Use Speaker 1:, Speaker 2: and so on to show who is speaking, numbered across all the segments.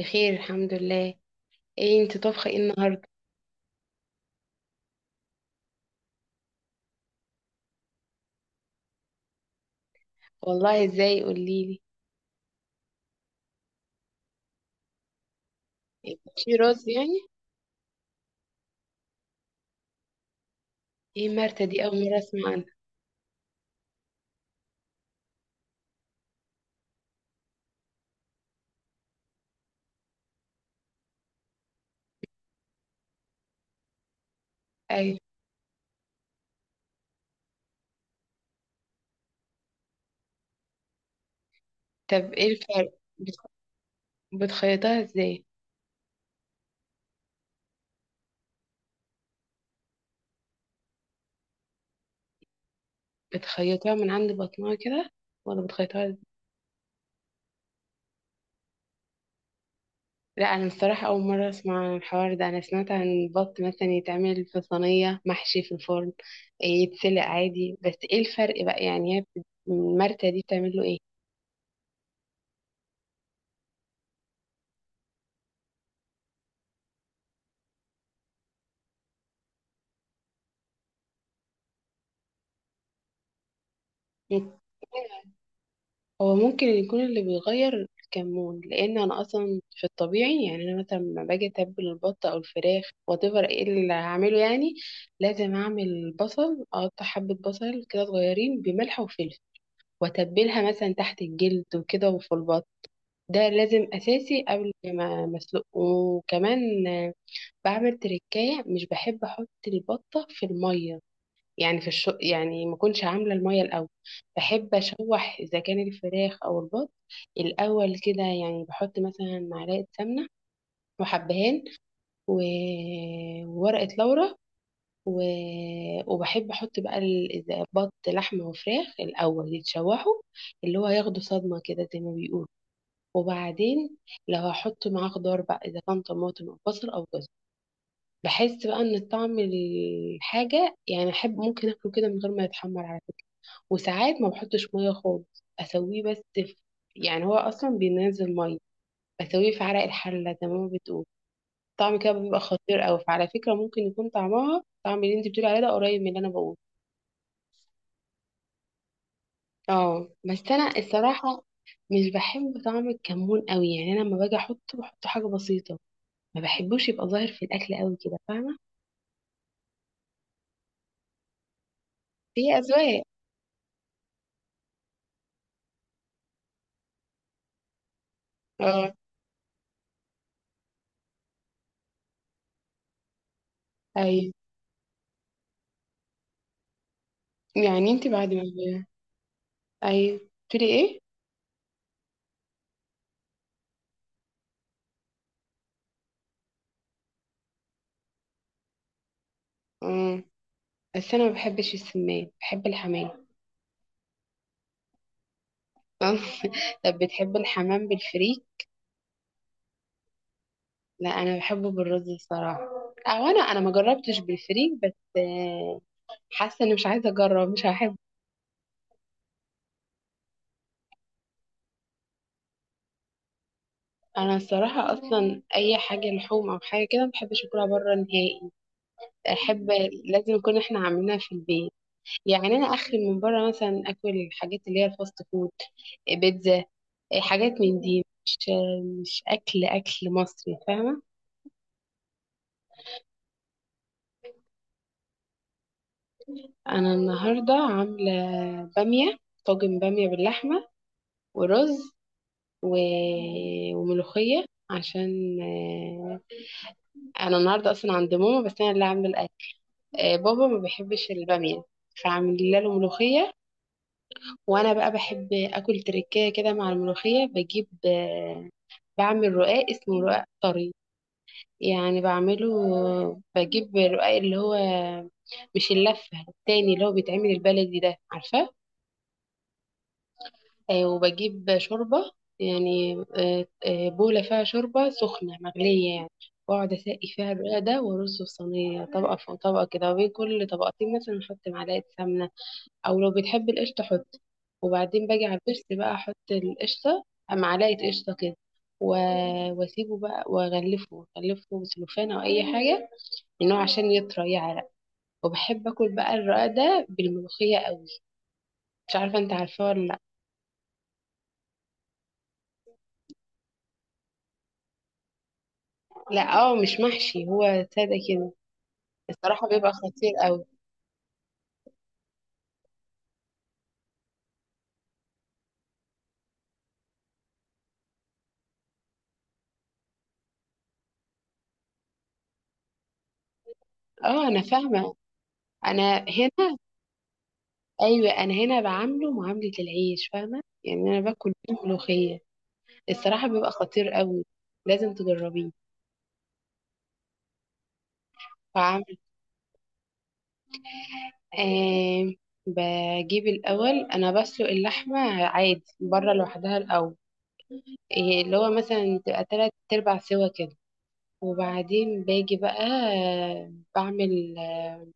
Speaker 1: بخير الحمد لله. ايه انت طبخه ايه النهارده؟ والله؟ ازاي، قوليلي. إيه؟ في رز يعني؟ ايه مرتة دي؟ اول مره اسمع عنها. ايوه. طب ايه الفرق؟ بتخ- بتخيطها ازاي؟ بتخيطها من عند بطنها كده ولا بتخيطها ازاي؟ لا، انا الصراحه اول مره اسمع عن الحوار ده. انا سمعت عن البط مثلا يتعمل في صينيه محشي في الفرن. إيه، يتسلق عادي. بس ايه الفرق بقى يعني؟ هي المرتة دي بتعمل له ايه؟ هو ممكن يكون اللي بيغير الكمون، لان انا اصلا في الطبيعي، يعني انا مثلا لما باجي اتبل البط او الفراخ whatever، ايه اللي هعمله يعني، لازم اعمل بصل، اقطع حبة بصل كده صغيرين بملح وفلفل، واتبلها مثلا تحت الجلد وكده، وفي البط ده لازم اساسي قبل ما مسلوق. وكمان بعمل تركاية، مش بحب احط البطة في المية. يعني في يعني ما كنتش عامله الميه الاول. بحب اشوح اذا كان الفراخ او البط الاول كده، يعني بحط مثلا معلقه سمنه وحبهان و... وورقه لورا و... وبحب احط بقى إذا بط لحمه وفراخ الاول يتشوحوا، اللي هو ياخدوا صدمه كده زي ما بيقولوا. وبعدين لو هحط معاه خضار بقى اذا كان طماطم او بصل او جزر، بحس بقى ان الطعم الحاجه، يعني احب ممكن اكله كده من غير ما يتحمر على فكرة. وساعات ما بحطش ميه خالص، اسويه بس في، يعني هو اصلا بينزل ميه، اسويه في عرق الحله زي ما بتقول. طعم كده بيبقى خطير قوي. فعلى فكره ممكن يكون طعمها طعم اللي انت بتقولي عليه ده قريب من اللي انا بقوله. اه، بس انا الصراحه مش بحب طعم الكمون قوي. يعني انا لما باجي احطه، بحطه حاجه بسيطه، ما بحبوش يبقى ظاهر في الاكل قوي كده، فاهمه؟ هي اذواق. اه، ايوه. يعني انت بعد ما، ايوه، بتقولي ايه؟ امم. بس انا ما بحبش السمان، بحب الحمام. آه. طب بتحب الحمام بالفريك؟ لا، انا بحبه بالرز الصراحه. او انا ما جربتش بالفريك، بس آه، حاسه اني مش عايزه اجرب، مش هحب. انا الصراحه اصلا اي حاجه لحوم او حاجه كده ما بحبش اكلها بره نهائي. احب، لازم نكون احنا عاملينها في البيت. يعني انا اخري من بره مثلا اكل الحاجات اللي هي الفاست فود، بيتزا، حاجات من دي، مش اكل اكل مصري، فاهمه؟ انا النهارده عامله باميه، طاجن باميه باللحمه، ورز و... وملوخية، عشان أنا النهاردة أصلا عند ماما، بس أنا اللي عاملة الأكل. بابا ما بيحبش البامية، فعامل له ملوخية. وأنا بقى بحب أكل تركية كده مع الملوخية، بجيب بعمل رقاق اسمه رقاق طري. يعني بعمله، بجيب الرقاق اللي هو، مش اللفة التاني اللي هو بيتعمل البلدي ده، عارفاه؟ وبجيب شوربة، يعني بولة فيها شوربة سخنة مغلية يعني. وأقعد أسقي فيها الرق ده، وأرصه في صينية طبقة فوق طبقة كده، وبين كل طبقتين مثلا أحط معلقة سمنة، أو لو بتحب القشطة حط. وبعدين باجي على البرس بقى أحط القشطة، معلقة قشطة كده و- وأسيبه بقى وأغلفه بسلوفان أو أي حاجة، إنه عشان يطرى يعرق. وبحب آكل بقى الرق ده بالملوخية قوي. مش عارفة أنت عارفاه ولا لأ. لا، اه، مش محشي هو، ساده كده. الصراحه بيبقى خطير قوي. اه، انا فاهمه. انا هنا، ايوه، انا هنا بعامله معامله العيش، فاهمه؟ يعني انا باكل بيه ملوخيه. الصراحه بيبقى خطير قوي، لازم تجربيه. بعمل، آه بجيب الاول، انا بسلق اللحمه عادي بره لوحدها الاول، إيه، اللي هو مثلا تبقى تلات ارباع سوا كده. وبعدين باجي بقى بعمل آه،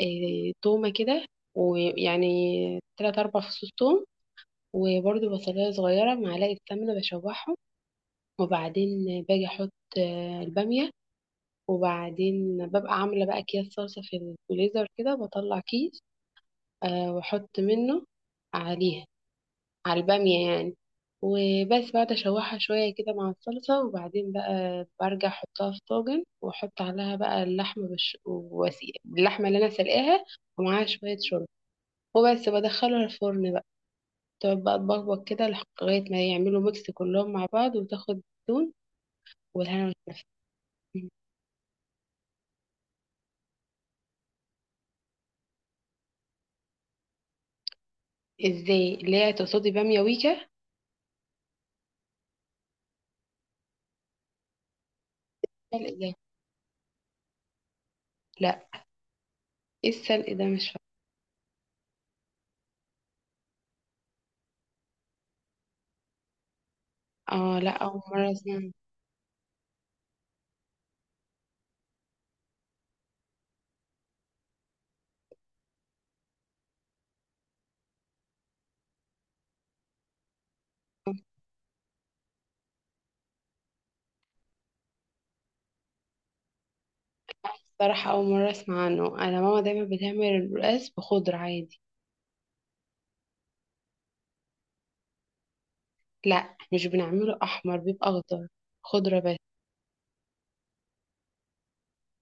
Speaker 1: آه، تومة كده، ويعني تلات أربع فصوص توم. وبرده بصلاية صغيرة، معلقة سمنة، بشوحهم. وبعدين باجي أحط البامية. وبعدين ببقى عاملة بقى أكياس صلصة في الفريزر كده، بطلع كيس، وأحط منه عليها، على البامية يعني. وبس بعد أشوحها شوية كده مع الصلصة، وبعدين بقى برجع أحطها في طاجن وأحط عليها بقى اللحمة، واللحمة اللي أنا سلقاها ومعاها شوية شوربة. وبس بدخله الفرن بقى، تقعد بقى تبقبق كده لغاية ما يعملوا ميكس كلهم مع بعض، وتاخد الزيتون والهنا والشفا. ازاي، اللي هي تقصدي بامية ويكا؟ سلق ده؟ لا، ايه السلق ده؟ مش، فاهمة، اه، لا اول مرة اسمع عنه. الصراحة اول مرة اسمع عنه، انا ماما دايما بتعمل الرقاس بخضرة عادي. لا، مش بنعمله احمر، بيبقى اخضر. خضرة بس،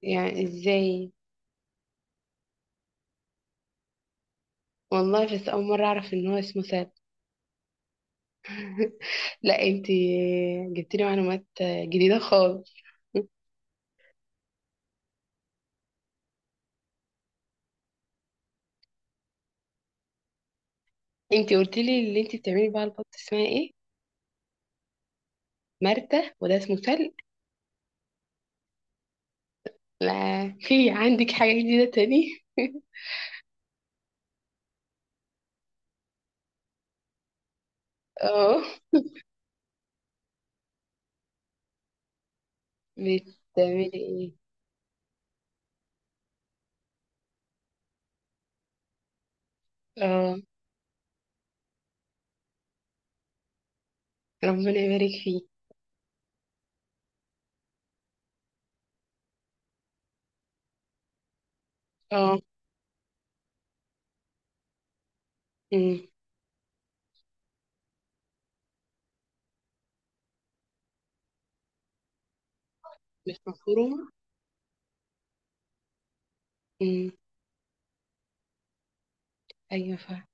Speaker 1: يعني ازاي؟ والله، بس اول مرة اعرف ان هو اسمه سلق. لا، انتي جبتيلي معلومات جديدة خالص. انتي قلتي لي اللي انتي بتعملي بقى البط اسمها ايه؟ مرتة، وده اسمه سلق. لا، في عندك حاجة جديدة تاني؟ اه، بتعملي ايه؟ اه، ربنا يبارك فيه. اه. امم، مش مفرومة، امم. ايوه، فاهمة.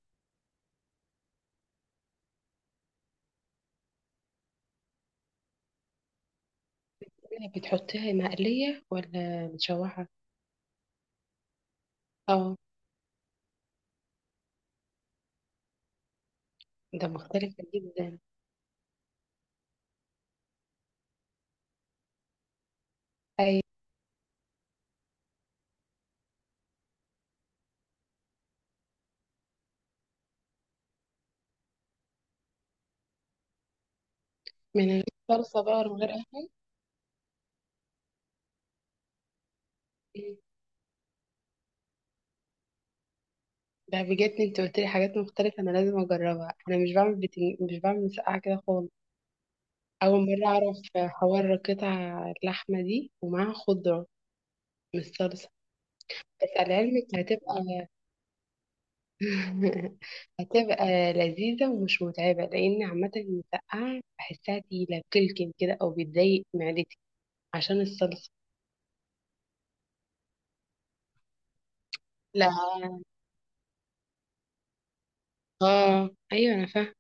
Speaker 1: بتحطيها مقلية ولا مشوحة؟ اه، ده مختلف جدا. ايوه، من غير صلصة بقى ولا من غير اي حاجة؟ مم. ده بجد انت قلت لي حاجات مختلفة، انا لازم اجربها. انا مش بعمل مسقعة كده خالص. أول مرة أعرف حوار قطع اللحمة دي ومعاها خضرة، مش صلصة. بس على علمك هتبقى هتبقى لذيذة ومش متعبة، لأن عامة المسقعة بحسها تقيلة بتلكم كده، أو بتضايق معدتي عشان الصلصة. لا، آه، أيوة أنا فاهمة.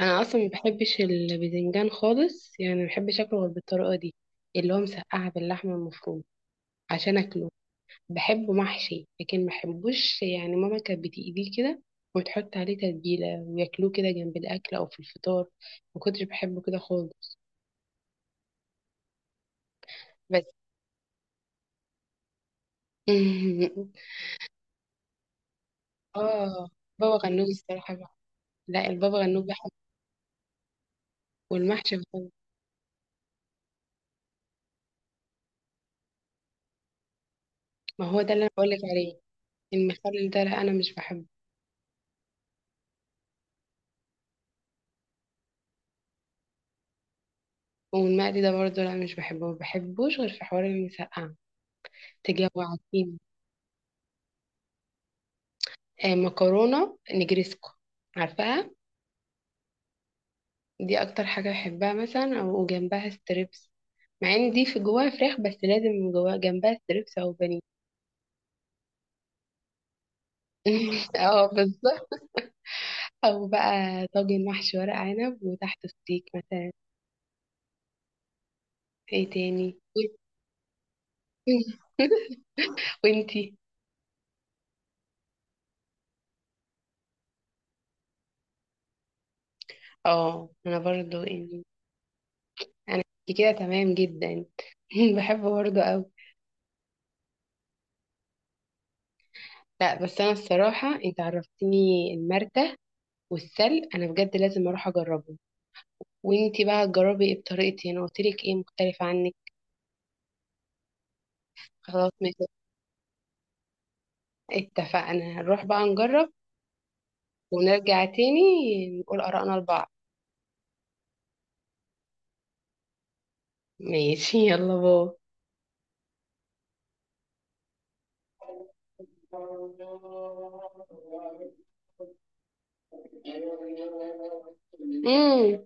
Speaker 1: أنا أصلا ما بحبش الباذنجان خالص، يعني ما بحبش أكله غير بالطريقة دي، اللي هو مسقعة باللحمة المفرومة. عشان أكله، بحبه محشي لكن ما بحبوش. يعني ماما كانت بتقليه كده وتحط عليه تتبيلة وياكلوه كده جنب الأكل أو في الفطار. ما كنتش بحبه كده خالص. بس آه، بابا غنوج. الصراحة بقى. لا، البابا غنوج بحبه، والمحشي بحبه. ما هو ده اللي أنا بقولك عليه. المخلل ده لا، أنا مش بحبه. والمقلي ده برضه لا، مش بحبه، ما بحبوش غير في حوار المسقعة. تجوعتيني. آه، مكرونة نجريسكو، عارفاها؟ دي اكتر حاجة بحبها، مثلا او جنبها ستريبس، مع ان دي في جواها فراخ، بس لازم جواها جنبها ستريبس او بانيه. اه، بالظبط. او بقى طاجن محشي ورق عنب وتحته ستيك مثلا. ايه تاني؟ وانتي؟ اه، انا برضو يعني، انا كده تمام جدا. بحب برضو قوي. لا، بس انا الصراحة انت عرفتني المرتة انا بجد لازم اروح اجربه. وانتي بقى هتجربي ايه بطريقتي انا قلتلك؟ ايه مختلف عنك؟ خلاص، اتفقنا، نروح بقى نجرب، ونرجع تاني نقول آرائنا لبعض. ماشي، يلا باي. مم.